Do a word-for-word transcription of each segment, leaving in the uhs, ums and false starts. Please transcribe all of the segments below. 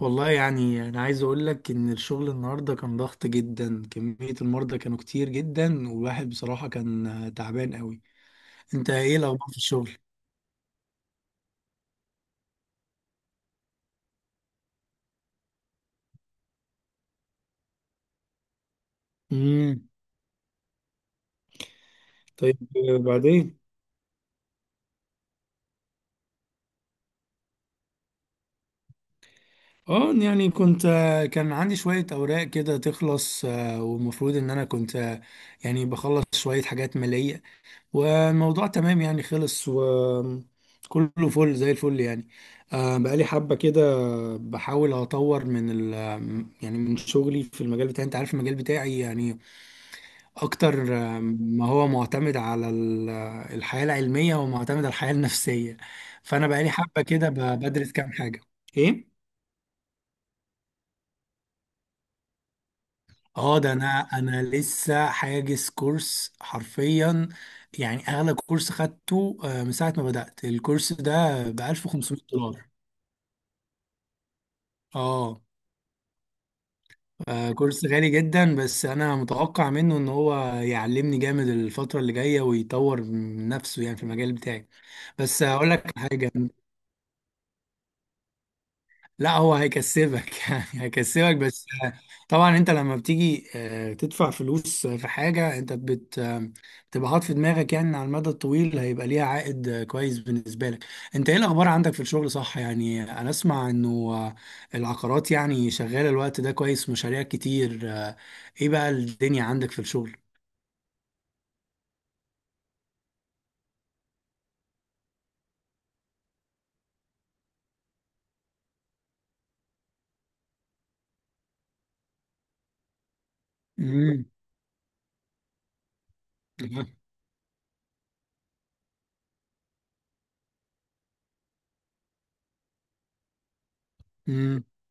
والله يعني أنا عايز أقول لك إن الشغل النهاردة كان ضغط جدا، كمية المرضى كانوا كتير جدا، والواحد بصراحة كان تعبان قوي. أنت إيه الأخبار في الشغل؟ امم طيب، بعدين. اه يعني كنت، كان عندي شوية أوراق كده تخلص آه، والمفروض إن أنا كنت آه، يعني بخلص شوية حاجات مالية، والموضوع تمام يعني خلص وكله فل زي الفل يعني. آه، بقالي حبة كده بحاول أطور من ال يعني من شغلي في المجال بتاعي، أنت عارف المجال بتاعي يعني أكتر، آه، ما هو معتمد على ال- الحياة العلمية ومعتمد على الحياة النفسية. فأنا بقالي حبة كده ب- بدرس كام حاجة. إيه؟ اه ده انا انا لسه حاجز كورس حرفيا. يعني اغلى كورس خدته آه، من ساعه ما بدات الكورس ده ب ألف وخمسمية دولار. اه. آه، كورس غالي جدا، بس انا متوقع منه ان هو يعلمني جامد الفتره اللي جايه ويطور من نفسه يعني في المجال بتاعي. بس اقول لك حاجه، لا هو هيكسبك يعني هيكسبك، بس آه، طبعا انت لما بتيجي آه، تدفع فلوس في حاجة، انت بت آه، بتبقى حاطط في دماغك يعني إن على المدى الطويل هيبقى ليها عائد آه، كويس بالنسبة لك. انت ايه الاخبار عندك في الشغل؟ صح، يعني انا اسمع انه آه، العقارات يعني شغالة الوقت ده كويس، مشاريع كتير، آه، ايه بقى الدنيا عندك في الشغل؟ امم.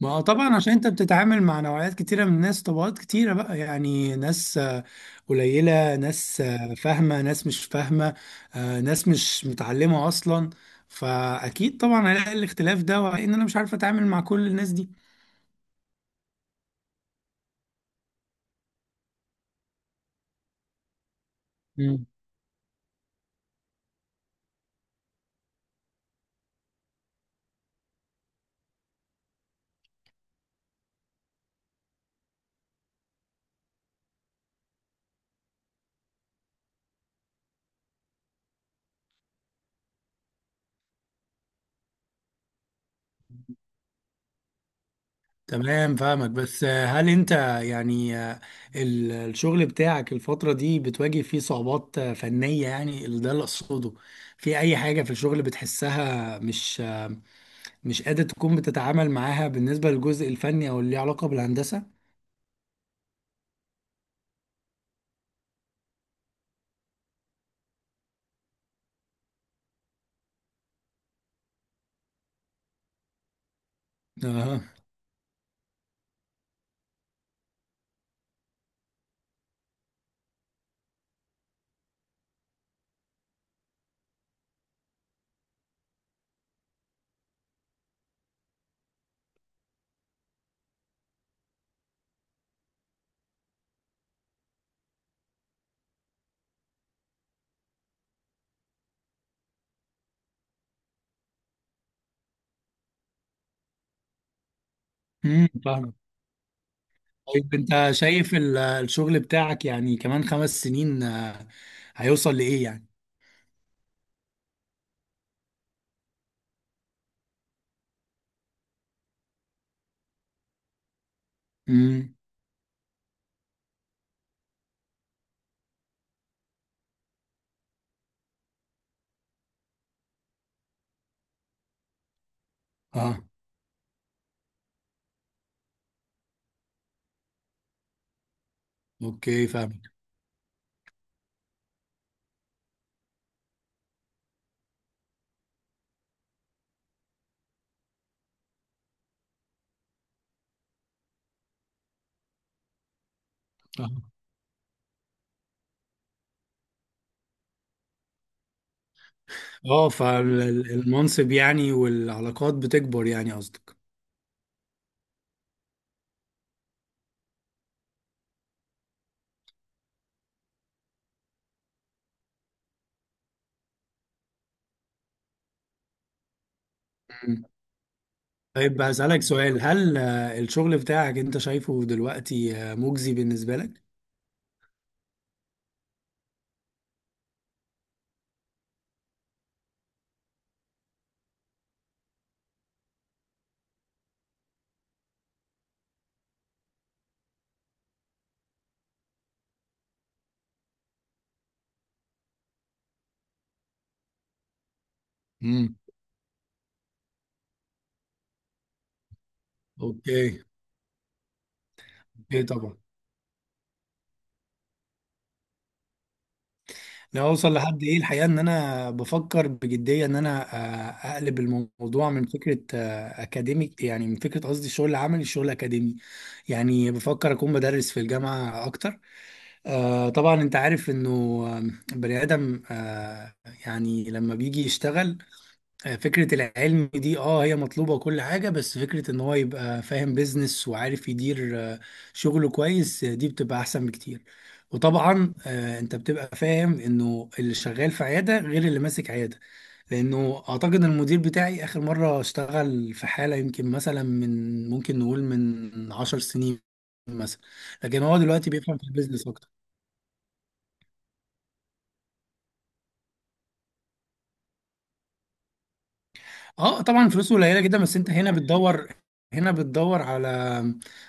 ما هو طبعا عشان انت بتتعامل مع نوعيات كتيرة من الناس، طبقات كتيرة بقى، يعني ناس آه، قليلة، ناس آه، فاهمة، ناس مش فاهمة، آه، ناس مش متعلمة أصلا. فأكيد طبعا هلاقي الاختلاف ده، وإن أنا مش عارف أتعامل مع كل الناس دي. مم. تمام، فاهمك. بس آه، هل انت يعني آه، ال- الشغل بتاعك الفترة دي بتواجه فيه صعوبات آه، فنية، يعني اللي ده اللي أقصده؟ في أي حاجة في الشغل بتحسها مش مش قادر تكون بتتعامل معاها بالنسبة للجزء الفني أو اللي ليه علاقة بالهندسة؟ اه. امم، فاهمك. طيب أنت شايف ال- الشغل بتاعك يعني كمان خمس سنين، آه، هيوصل لإيه يعني؟ امم. اه، اوكي فاهمك. اه آه، فالمنصب يعني والعلاقات بتكبر يعني، قصدك. مم. طيب هسألك سؤال، هل آه، الشغل بتاعك أنت شايفه دلوقتي آه، مجزي بالنسبة لك؟ امم. اوكي. اوكي طبعا. أنا اوصل لحد ايه؟ الحقيقه ان انا بفكر بجديه ان انا آه، اقلب الموضوع من فكره آه، اكاديميك، يعني من فكره، قصدي الشغل العملي، الشغل اكاديمي. يعني بفكر اكون بدرس في الجامعه اكتر. آه، طبعا انت عارف انه آه، بني ادم آه، يعني لما بيجي يشتغل، فكرة العلم دي اه هي مطلوبة وكل حاجة، بس فكرة ان هو يبقى فاهم بيزنس وعارف يدير آه، شغله كويس، آه، دي بتبقى احسن بكتير. وطبعا آه، انت بتبقى فاهم انه اللي شغال في عيادة غير اللي ماسك عيادة. لانه اعتقد إن المدير بتاعي اخر مرة اشتغل في حالة يمكن مثلا من، ممكن نقول من عشر سنين مثلا. لكن هو دلوقتي بيفهم في البيزنس. اه طبعا فلوسه قليله جدا، بس انت هنا بتدور، هنا بتدور على،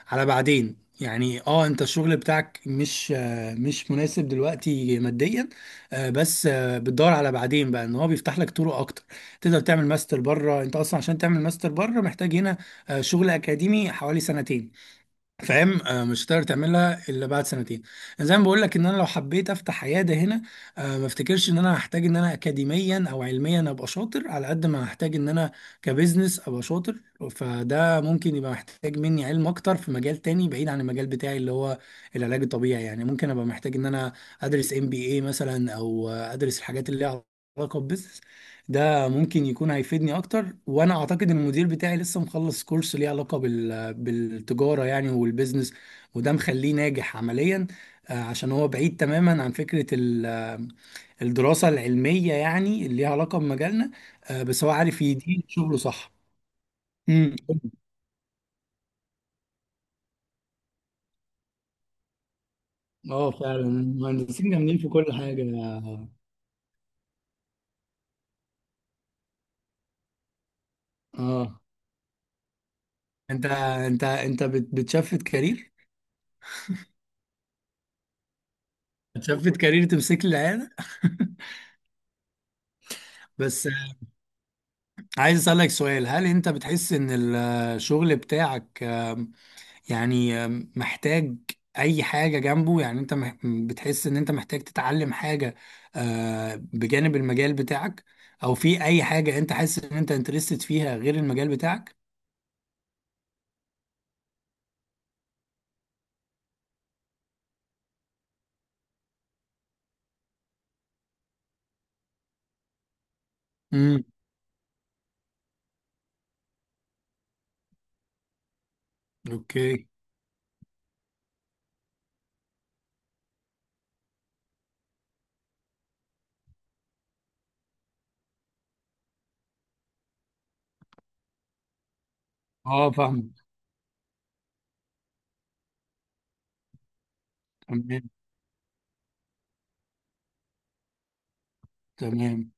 على بعدين يعني. اه انت الشغل بتاعك مش آه، مش مناسب دلوقتي ماديا، آه، بس آه، بتدور على بعدين بقى، ان هو بيفتح لك طرق اكتر. تقدر تعمل ماستر بره. انت اصلا عشان تعمل ماستر بره محتاج هنا آه، شغل اكاديمي حوالي سنتين. فاهم؟ آه، مش هتقدر تعملها الا بعد سنتين. يعني زي ما بقول لك، ان انا لو حبيت افتح عياده هنا، آه، ما افتكرش ان انا هحتاج ان انا اكاديميا او علميا ابقى شاطر على قد ما هحتاج ان انا كبزنس ابقى شاطر. فده ممكن يبقى محتاج مني علم اكتر في مجال تاني بعيد عن المجال بتاعي اللي هو العلاج الطبيعي. يعني ممكن ابقى محتاج ان انا ادرس ام بي اي مثلا، او آه، ادرس الحاجات اللي ليها علاقه ببزنس. ده ممكن يكون هيفيدني اكتر. وانا اعتقد ان المدير بتاعي لسه مخلص كورس ليه علاقه بال... بالتجاره يعني والبيزنس، وده مخليه ناجح عمليا. آه، عشان هو بعيد تماما عن فكره ال... آه، الدراسه العلميه يعني اللي ليها علاقه بمجالنا، آه، بس هو عارف يدير شغله صح. امم. اه فعلا المهندسين جامدين في كل حاجه. اه. انت، انت انت بت- بتشفت كارير. بتشفت كارير، تمسك لي العيال. بس عايز أسألك سؤال، هل أنت بتحس إن الشغل بتاعك آم، يعني آم، محتاج أي حاجة جنبه؟ يعني أنت مح- بتحس إن أنت محتاج تتعلم حاجة آه، بجانب المجال بتاعك؟ أو في أي حاجة أنت حاسس إن أنت انترستد فيها غير المجال بتاعك؟ امم. أوكي. أه فاهم. تمام. تمام.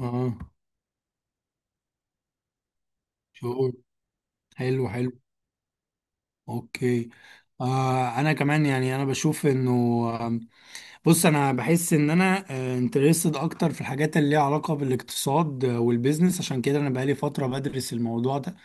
أه. شعور. حلو حلو. أوكي. آه أنا كمان يعني، أنا بشوف إنه، بص انا بحس ان انا انترستد اكتر في الحاجات اللي ليها علاقه بالاقتصاد آه، والبيزنس. عشان كده انا بقالي فتره بدرس الموضوع ده،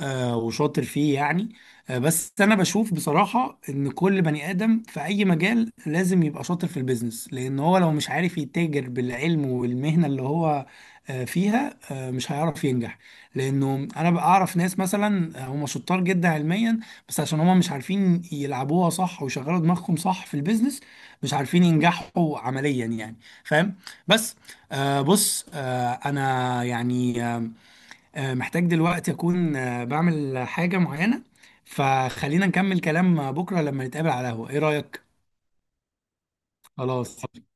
آه، وشاطر فيه يعني. آه، بس انا بشوف بصراحة ان كل بني ادم في اي مجال لازم يبقى شاطر في البيزنس، لان هو لو مش عارف يتاجر بالعلم والمهنة اللي هو آه، فيها، آه، مش هيعرف ينجح. لانه انا بقى اعرف ناس مثلا آه، هم شطار جدا علميا، بس عشان هم مش عارفين يلعبوها صح ويشغلوا دماغهم صح في البيزنس، مش عارفين ينجحوا عمليا يعني. فاهم؟ بس آه بص آه انا يعني آه، محتاج دلوقتي أكون آه، بعمل حاجة معينة. فخلينا نكمل كلام بكرة لما نتقابل على القهوة، إيه رأيك؟ خلاص.